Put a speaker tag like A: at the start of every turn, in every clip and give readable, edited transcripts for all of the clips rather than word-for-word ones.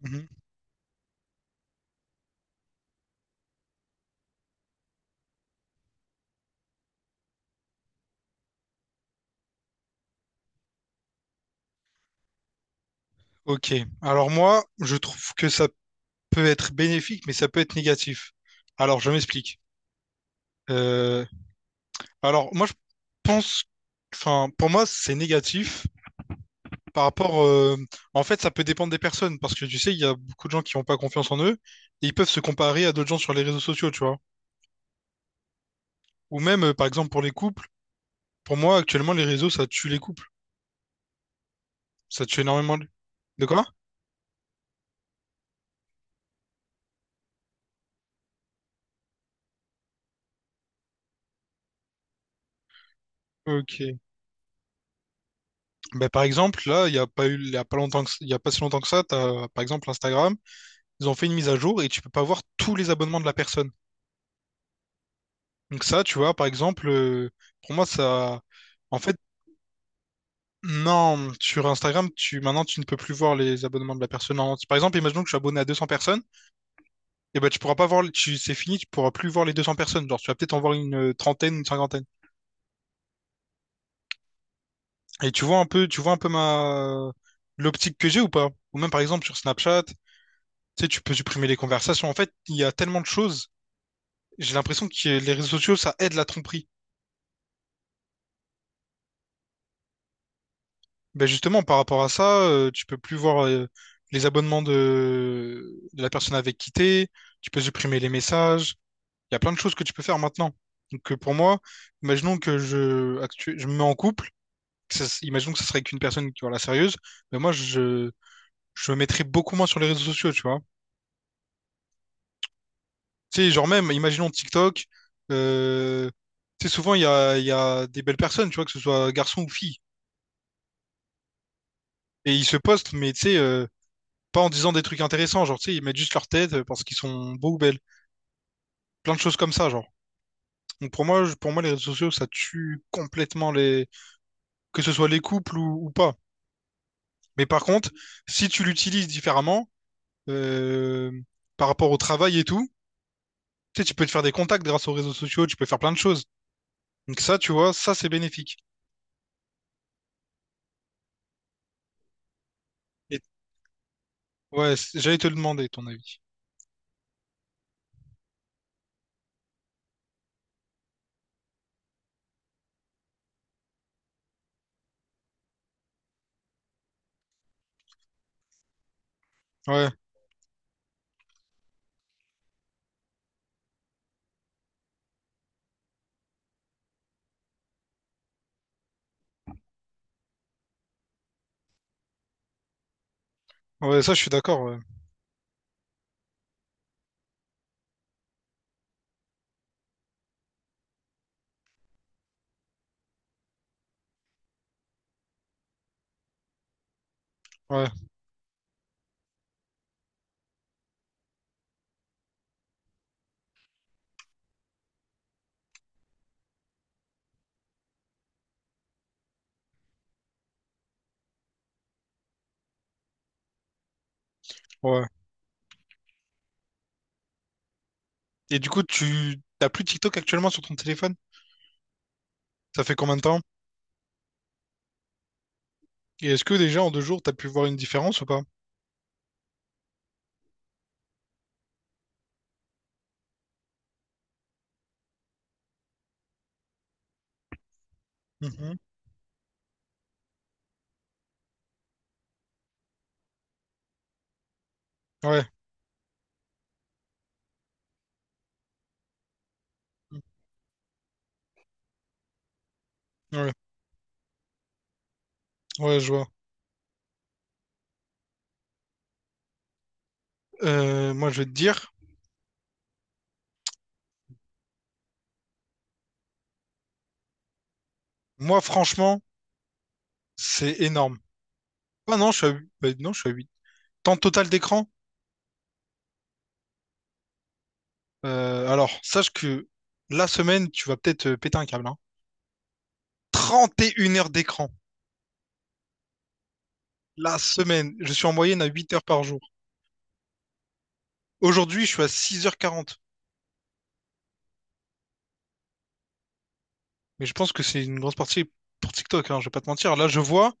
A: Mhm. Ok. Alors moi, je trouve que ça peut être bénéfique, mais ça peut être négatif. Alors, je m'explique. Euh, moi, pense, pour moi, c'est négatif par rapport, en fait, Ça peut dépendre des personnes, parce que tu sais, il y a beaucoup de gens qui n'ont pas confiance en eux, et ils peuvent se comparer à d'autres gens sur les réseaux sociaux, tu vois. Ou même, par exemple, pour les couples. Pour moi, actuellement, les réseaux, ça tue les couples. Ça tue énormément. De quoi? Ok. Ben, par exemple, là, il n'y a pas eu, il y a pas longtemps que- il y a pas si longtemps que ça, t'as, par exemple, Instagram, ils ont fait une mise à jour et tu peux pas voir tous les abonnements de la personne. Donc ça, tu vois, par exemple, pour moi, ça, en fait, non, sur Instagram, maintenant, tu ne peux plus voir les abonnements de la personne. En Par exemple, imaginons que je suis abonné à 200 personnes, et ben, tu pourras pas voir, c'est fini, tu pourras plus voir les 200 personnes. Genre, tu vas peut-être en voir une trentaine, une cinquantaine. Et tu vois un peu, tu vois un peu ma l'optique que j'ai ou pas? Ou même par exemple sur Snapchat, tu sais, tu peux supprimer les conversations. En fait, il y a tellement de choses. J'ai l'impression que les réseaux sociaux, ça aide la tromperie. Ben justement, par rapport à ça, tu peux plus voir les abonnements de la personne avec qui t'es, tu peux supprimer les messages. Il y a plein de choses que tu peux faire maintenant. Donc pour moi, imaginons que je me mets en couple, imaginons que ce serait avec une personne qui la sérieuse, mais je me mettrais beaucoup moins sur les réseaux sociaux, tu vois. Tu sais, genre même, imaginons TikTok, euh, tu sais, souvent, il y a des belles personnes, tu vois, que ce soit garçon ou fille. Et ils se postent, mais tu sais, pas en disant des trucs intéressants, genre, tu sais, ils mettent juste leur tête parce qu'ils sont beaux ou belles. Plein de choses comme ça, genre. Pour moi, les réseaux sociaux, ça tue complètement les... que ce soit les couples ou pas. Mais par contre, si tu l'utilises différemment, euh, par rapport au travail et tout, tu sais, tu peux te faire des contacts grâce aux réseaux sociaux, tu peux faire plein de choses. Donc ça, tu vois, ça, c'est bénéfique. Ouais, j'allais te le demander ton avis. Ouais, ouais, ça je suis d'accord. Ouais, ouais, ouais. Et du coup, tu t'as plus TikTok actuellement sur ton téléphone? Ça fait combien de temps? Et est-ce que déjà en deux jours, t'as pu voir une différence ou pas? Mhm. Ouais, mmh, ouais, ouais, je vois. Moi, je vais te dire, moi, franchement, c'est énorme. Ah non, je suis à 8. Bah, non, je suis à 8. Temps total d'écran? Alors, sache que la semaine, tu vas peut-être péter un câble, hein. 31 heures d'écran. La semaine, je suis en moyenne à 8 heures par jour. Aujourd'hui, je suis à 6 h 40. Mais je pense que c'est une grosse partie pour TikTok, hein, je vais pas te mentir. Là, je vois,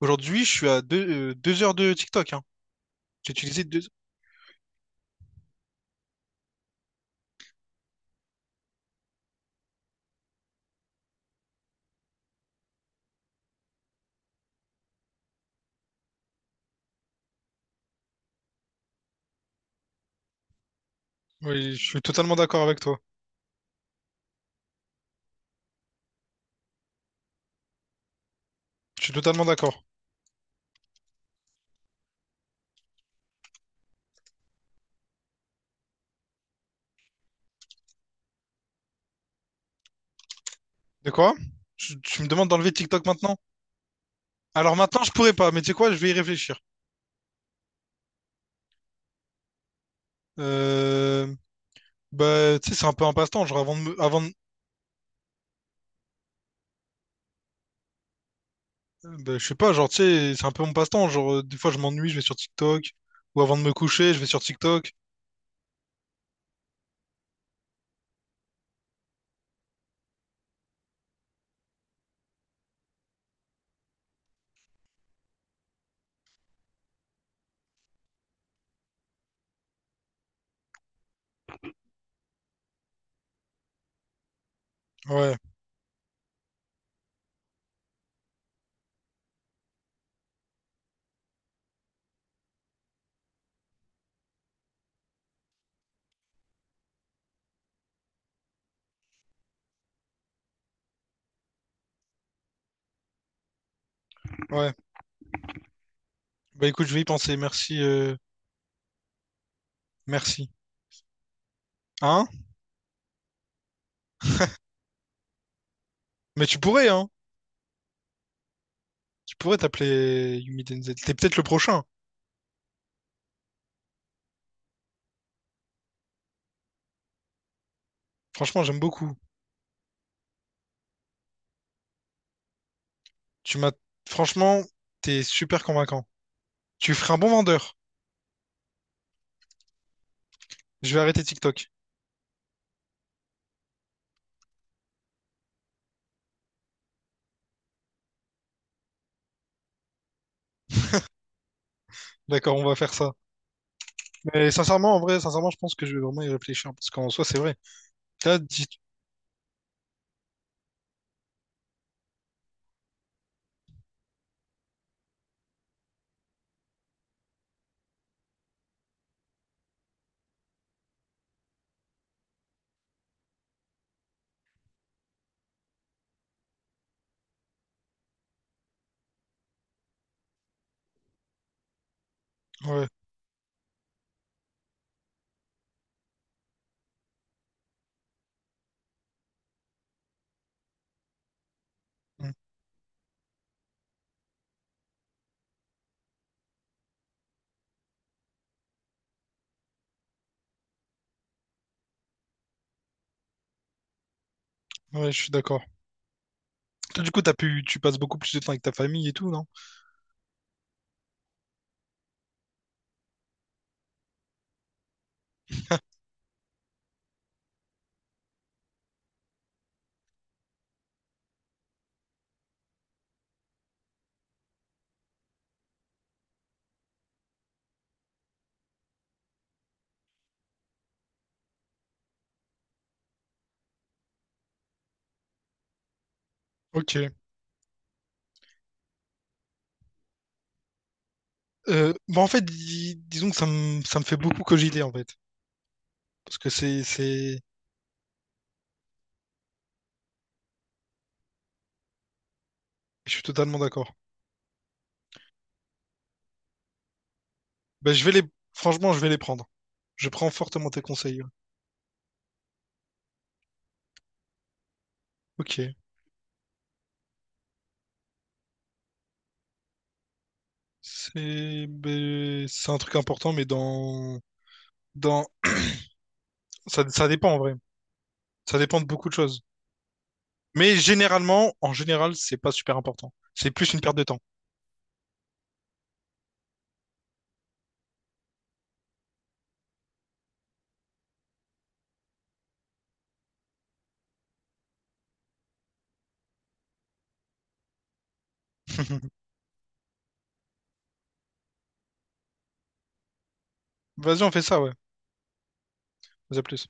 A: aujourd'hui, je suis à 2 heures de TikTok. Hein. J'ai utilisé deux... Oui, je suis totalement d'accord avec toi. Je suis totalement d'accord. De quoi? Tu me demandes d'enlever TikTok maintenant? Alors maintenant, je pourrais pas, mais tu sais quoi, je vais y réfléchir. Euh, bah, tu sais, c'est un peu un passe-temps. Genre, avant de me- avant de- bah, je sais pas, genre, tu sais, c'est un peu mon passe-temps. Genre, des fois, je m'ennuie, je vais sur TikTok. Ou avant de me coucher, je vais sur TikTok. Ouais, ouais. Bah, écoute, je vais y penser. Merci, merci. Hein? Mais tu pourrais, hein? Tu pourrais t'appeler Yumi Denzel. T'es peut-être le prochain. Franchement, j'aime beaucoup. Tu m'as, franchement, t'es super convaincant. Tu ferais un bon vendeur. Je vais arrêter TikTok. D'accord, on va faire ça. Mais sincèrement, en vrai, sincèrement, je pense que je vais vraiment y réfléchir. Parce qu'en soi, c'est vrai. Là dit... ouais. Mm. Ouais, je suis d'accord. Toi, du coup, tu passes beaucoup plus de temps avec ta famille et tout, non? Ok. Disons que ça me fait beaucoup cogiter, en fait. Parce que c'est... Je suis totalement d'accord. Bah, je vais les... Franchement, je vais les prendre. Je prends fortement tes conseils. Ouais. Ok. C'est... ben, c'est un truc important, mais dans... dans... Ça dépend, en vrai. Ça dépend de beaucoup de choses. Mais généralement, en général, c'est pas super important. C'est plus une perte de temps. Vas-y, on fait ça, ouais. Vas-y, à plus.